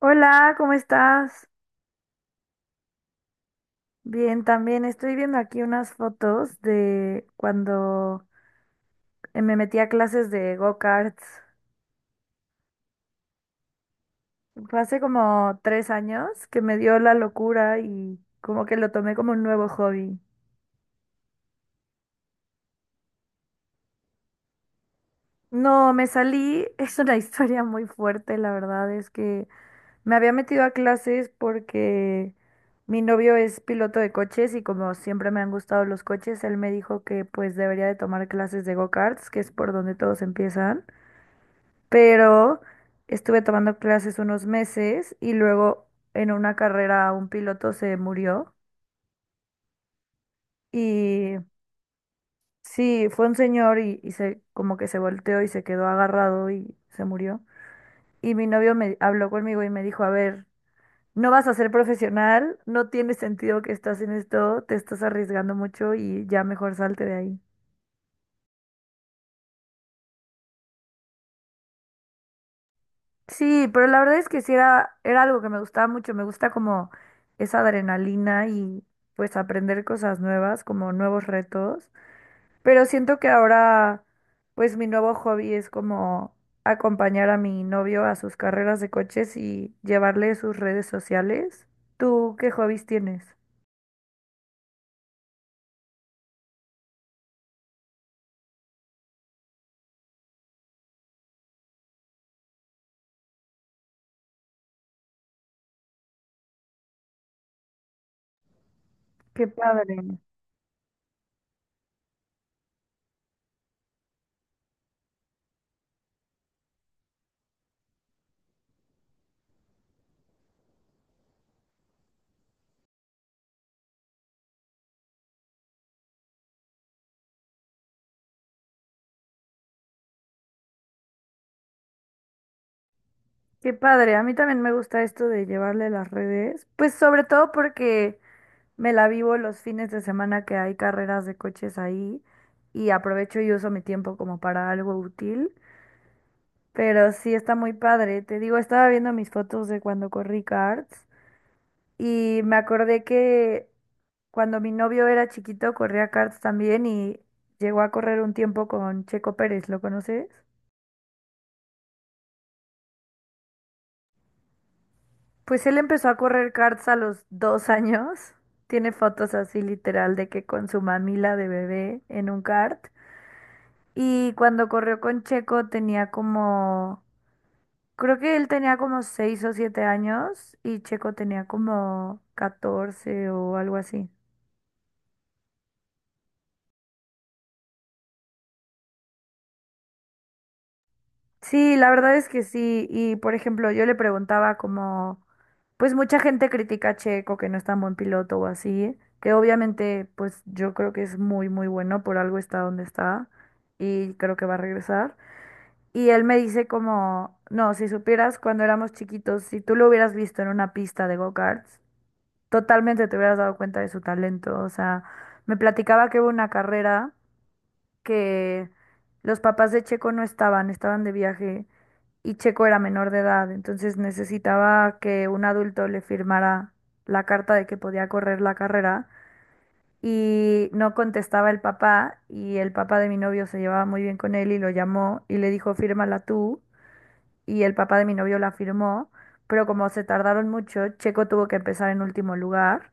Hola, ¿cómo estás? Bien, también estoy viendo aquí unas fotos de cuando me metí a clases de go-karts. Fue hace como 3 años que me dio la locura y como que lo tomé como un nuevo hobby. No, me salí, es una historia muy fuerte, la verdad es que me había metido a clases porque mi novio es piloto de coches y como siempre me han gustado los coches, él me dijo que pues debería de tomar clases de go-karts, que es por donde todos empiezan. Pero estuve tomando clases unos meses y luego en una carrera un piloto se murió y sí, fue un señor y, se como que se volteó y se quedó agarrado y se murió. Y mi novio me habló conmigo y me dijo, a ver, no vas a ser profesional, no tiene sentido que estás en esto, te estás arriesgando mucho y ya mejor salte de ahí. Sí, pero la verdad es que sí era algo que me gustaba mucho, me gusta como esa adrenalina y pues aprender cosas nuevas, como nuevos retos, pero siento que ahora pues mi nuevo hobby es como acompañar a mi novio a sus carreras de coches y llevarle sus redes sociales. ¿Tú qué hobbies tienes? Qué padre, qué padre. A mí también me gusta esto de llevarle las redes, pues sobre todo porque me la vivo los fines de semana que hay carreras de coches ahí y aprovecho y uso mi tiempo como para algo útil. Pero sí está muy padre. Te digo, estaba viendo mis fotos de cuando corrí karts y me acordé que cuando mi novio era chiquito corría karts también y llegó a correr un tiempo con Checo Pérez. ¿Lo conoces? Pues él empezó a correr karts a los 2 años. Tiene fotos así literal de que con su mamila de bebé en un kart. Y cuando corrió con Checo tenía como, creo que él tenía como 6 o 7 años y Checo tenía como 14 o algo así. Sí, la verdad es que sí. Y por ejemplo, yo le preguntaba como, pues mucha gente critica a Checo que no es tan buen piloto o así, que obviamente pues yo creo que es muy muy bueno, por algo está donde está y creo que va a regresar. Y él me dice como, no, si supieras cuando éramos chiquitos, si tú lo hubieras visto en una pista de go-karts. Totalmente te hubieras dado cuenta de su talento. O sea, me platicaba que hubo una carrera que los papás de Checo no estaban, estaban de viaje y Checo era menor de edad, entonces necesitaba que un adulto le firmara la carta de que podía correr la carrera y no contestaba el papá y el papá de mi novio se llevaba muy bien con él y lo llamó y le dijo, fírmala tú y el papá de mi novio la firmó, pero como se tardaron mucho, Checo tuvo que empezar en último lugar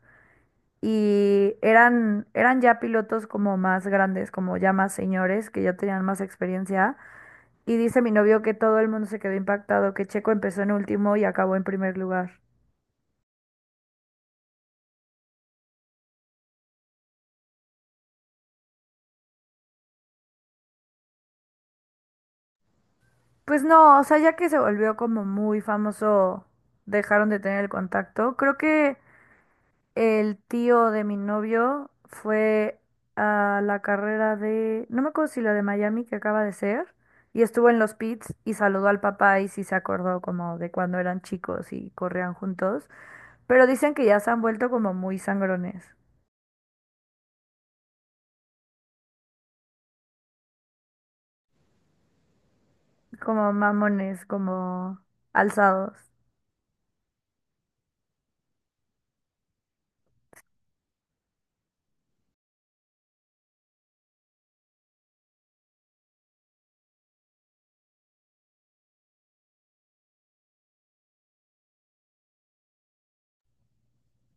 y eran, ya pilotos como más grandes, como ya más señores, que ya tenían más experiencia. Y dice mi novio que todo el mundo se quedó impactado, que Checo empezó en último y acabó en primer lugar. Pues no, o sea, ya que se volvió como muy famoso, dejaron de tener el contacto. Creo que el tío de mi novio fue a la carrera de, no me acuerdo si la de Miami que acaba de ser, y estuvo en los pits y saludó al papá y sí se acordó como de cuando eran chicos y corrían juntos, pero dicen que ya se han vuelto como muy sangrones, como mamones, como alzados.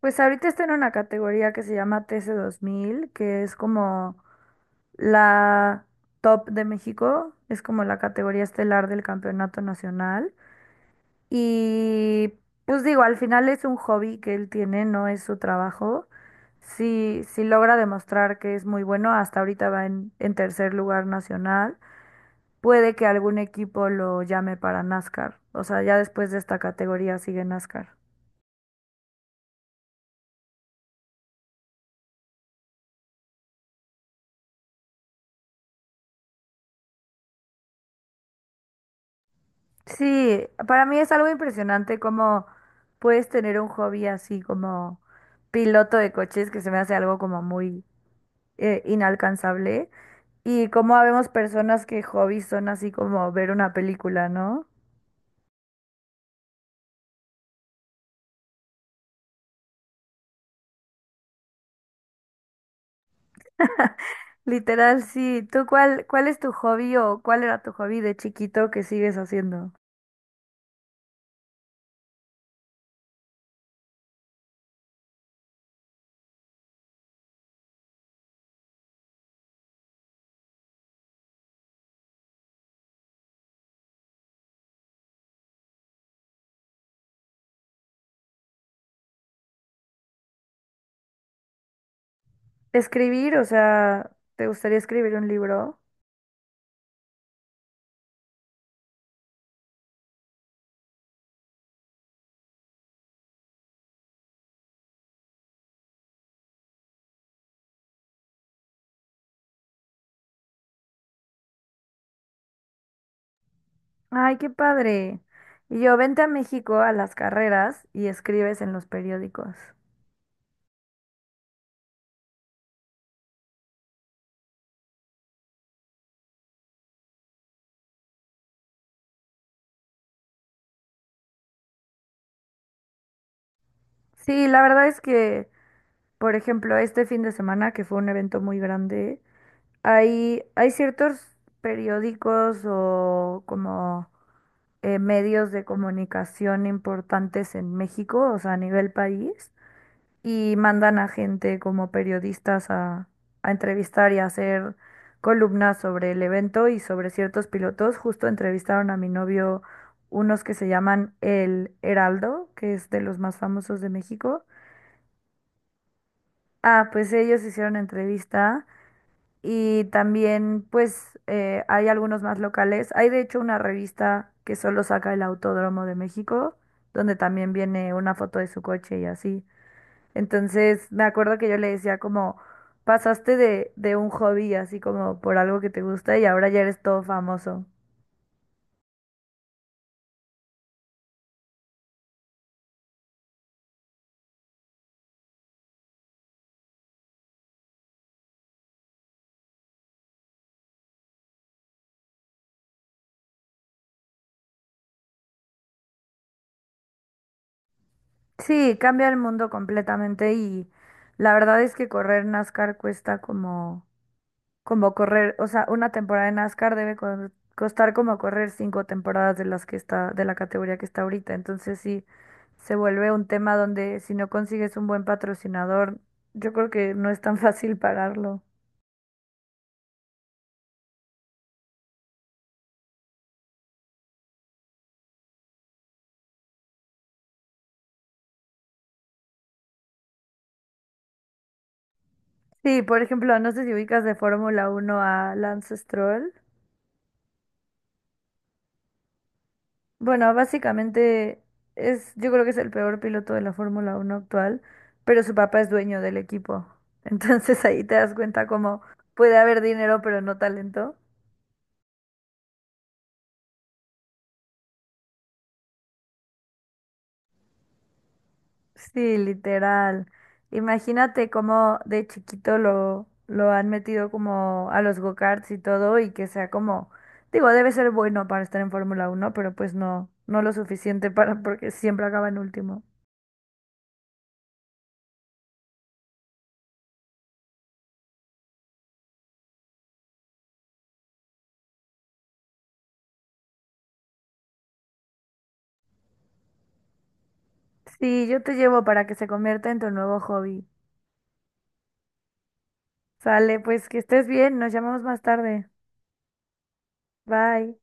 Pues ahorita está en una categoría que se llama tc mil que es como la top de México, es como la categoría estelar del campeonato nacional. Y pues digo, al final es un hobby que él tiene, no es su trabajo. Si, si logra demostrar que es muy bueno, hasta ahorita va en, tercer lugar nacional, puede que algún equipo lo llame para NASCAR. O sea, ya después de esta categoría sigue NASCAR. Sí, para mí es algo impresionante cómo puedes tener un hobby así como piloto de coches, que se me hace algo como muy inalcanzable. Y cómo habemos personas que hobbies son así como ver una película, ¿no? Literal, sí. ¿Tú cuál, es tu hobby o cuál era tu hobby de chiquito que sigues haciendo? Escribir, o sea, ¿te gustaría escribir un libro? Ay, qué padre. Y yo, vente a México a las carreras y escribes en los periódicos. Sí, la verdad es que, por ejemplo, este fin de semana, que fue un evento muy grande, hay, ciertos periódicos o como medios de comunicación importantes en México, o sea, a nivel país, y mandan a gente como periodistas a entrevistar y a hacer columnas sobre el evento y sobre ciertos pilotos. Justo entrevistaron a mi novio unos que se llaman El Heraldo, que es de los más famosos de México. Ah, pues ellos hicieron entrevista y también, pues, hay algunos más locales. Hay de hecho una revista que solo saca el Autódromo de México, donde también viene una foto de su coche y así. Entonces, me acuerdo que yo le decía como, pasaste de un hobby así como por algo que te gusta y ahora ya eres todo famoso. Sí, cambia el mundo completamente y la verdad es que correr NASCAR cuesta como... como correr, o sea, una temporada de NASCAR debe costar como correr 5 temporadas de las que está, de la categoría que está ahorita. Entonces sí, se vuelve un tema donde si no consigues un buen patrocinador, yo creo que no es tan fácil pararlo. Sí, por ejemplo, no sé si ubicas de Fórmula Uno a Lance Stroll. Bueno, básicamente es, yo creo que es el peor piloto de la Fórmula Uno actual, pero su papá es dueño del equipo. Entonces ahí te das cuenta cómo puede haber dinero, pero no talento. Sí, literal. Imagínate cómo de chiquito lo, han metido como a los go-karts y todo y que sea como, digo, debe ser bueno para estar en Fórmula uno pero pues no, no lo suficiente para porque siempre acaba en último. Sí, yo te llevo para que se convierta en tu nuevo hobby. Sale, pues que estés bien, nos llamamos más tarde. Bye.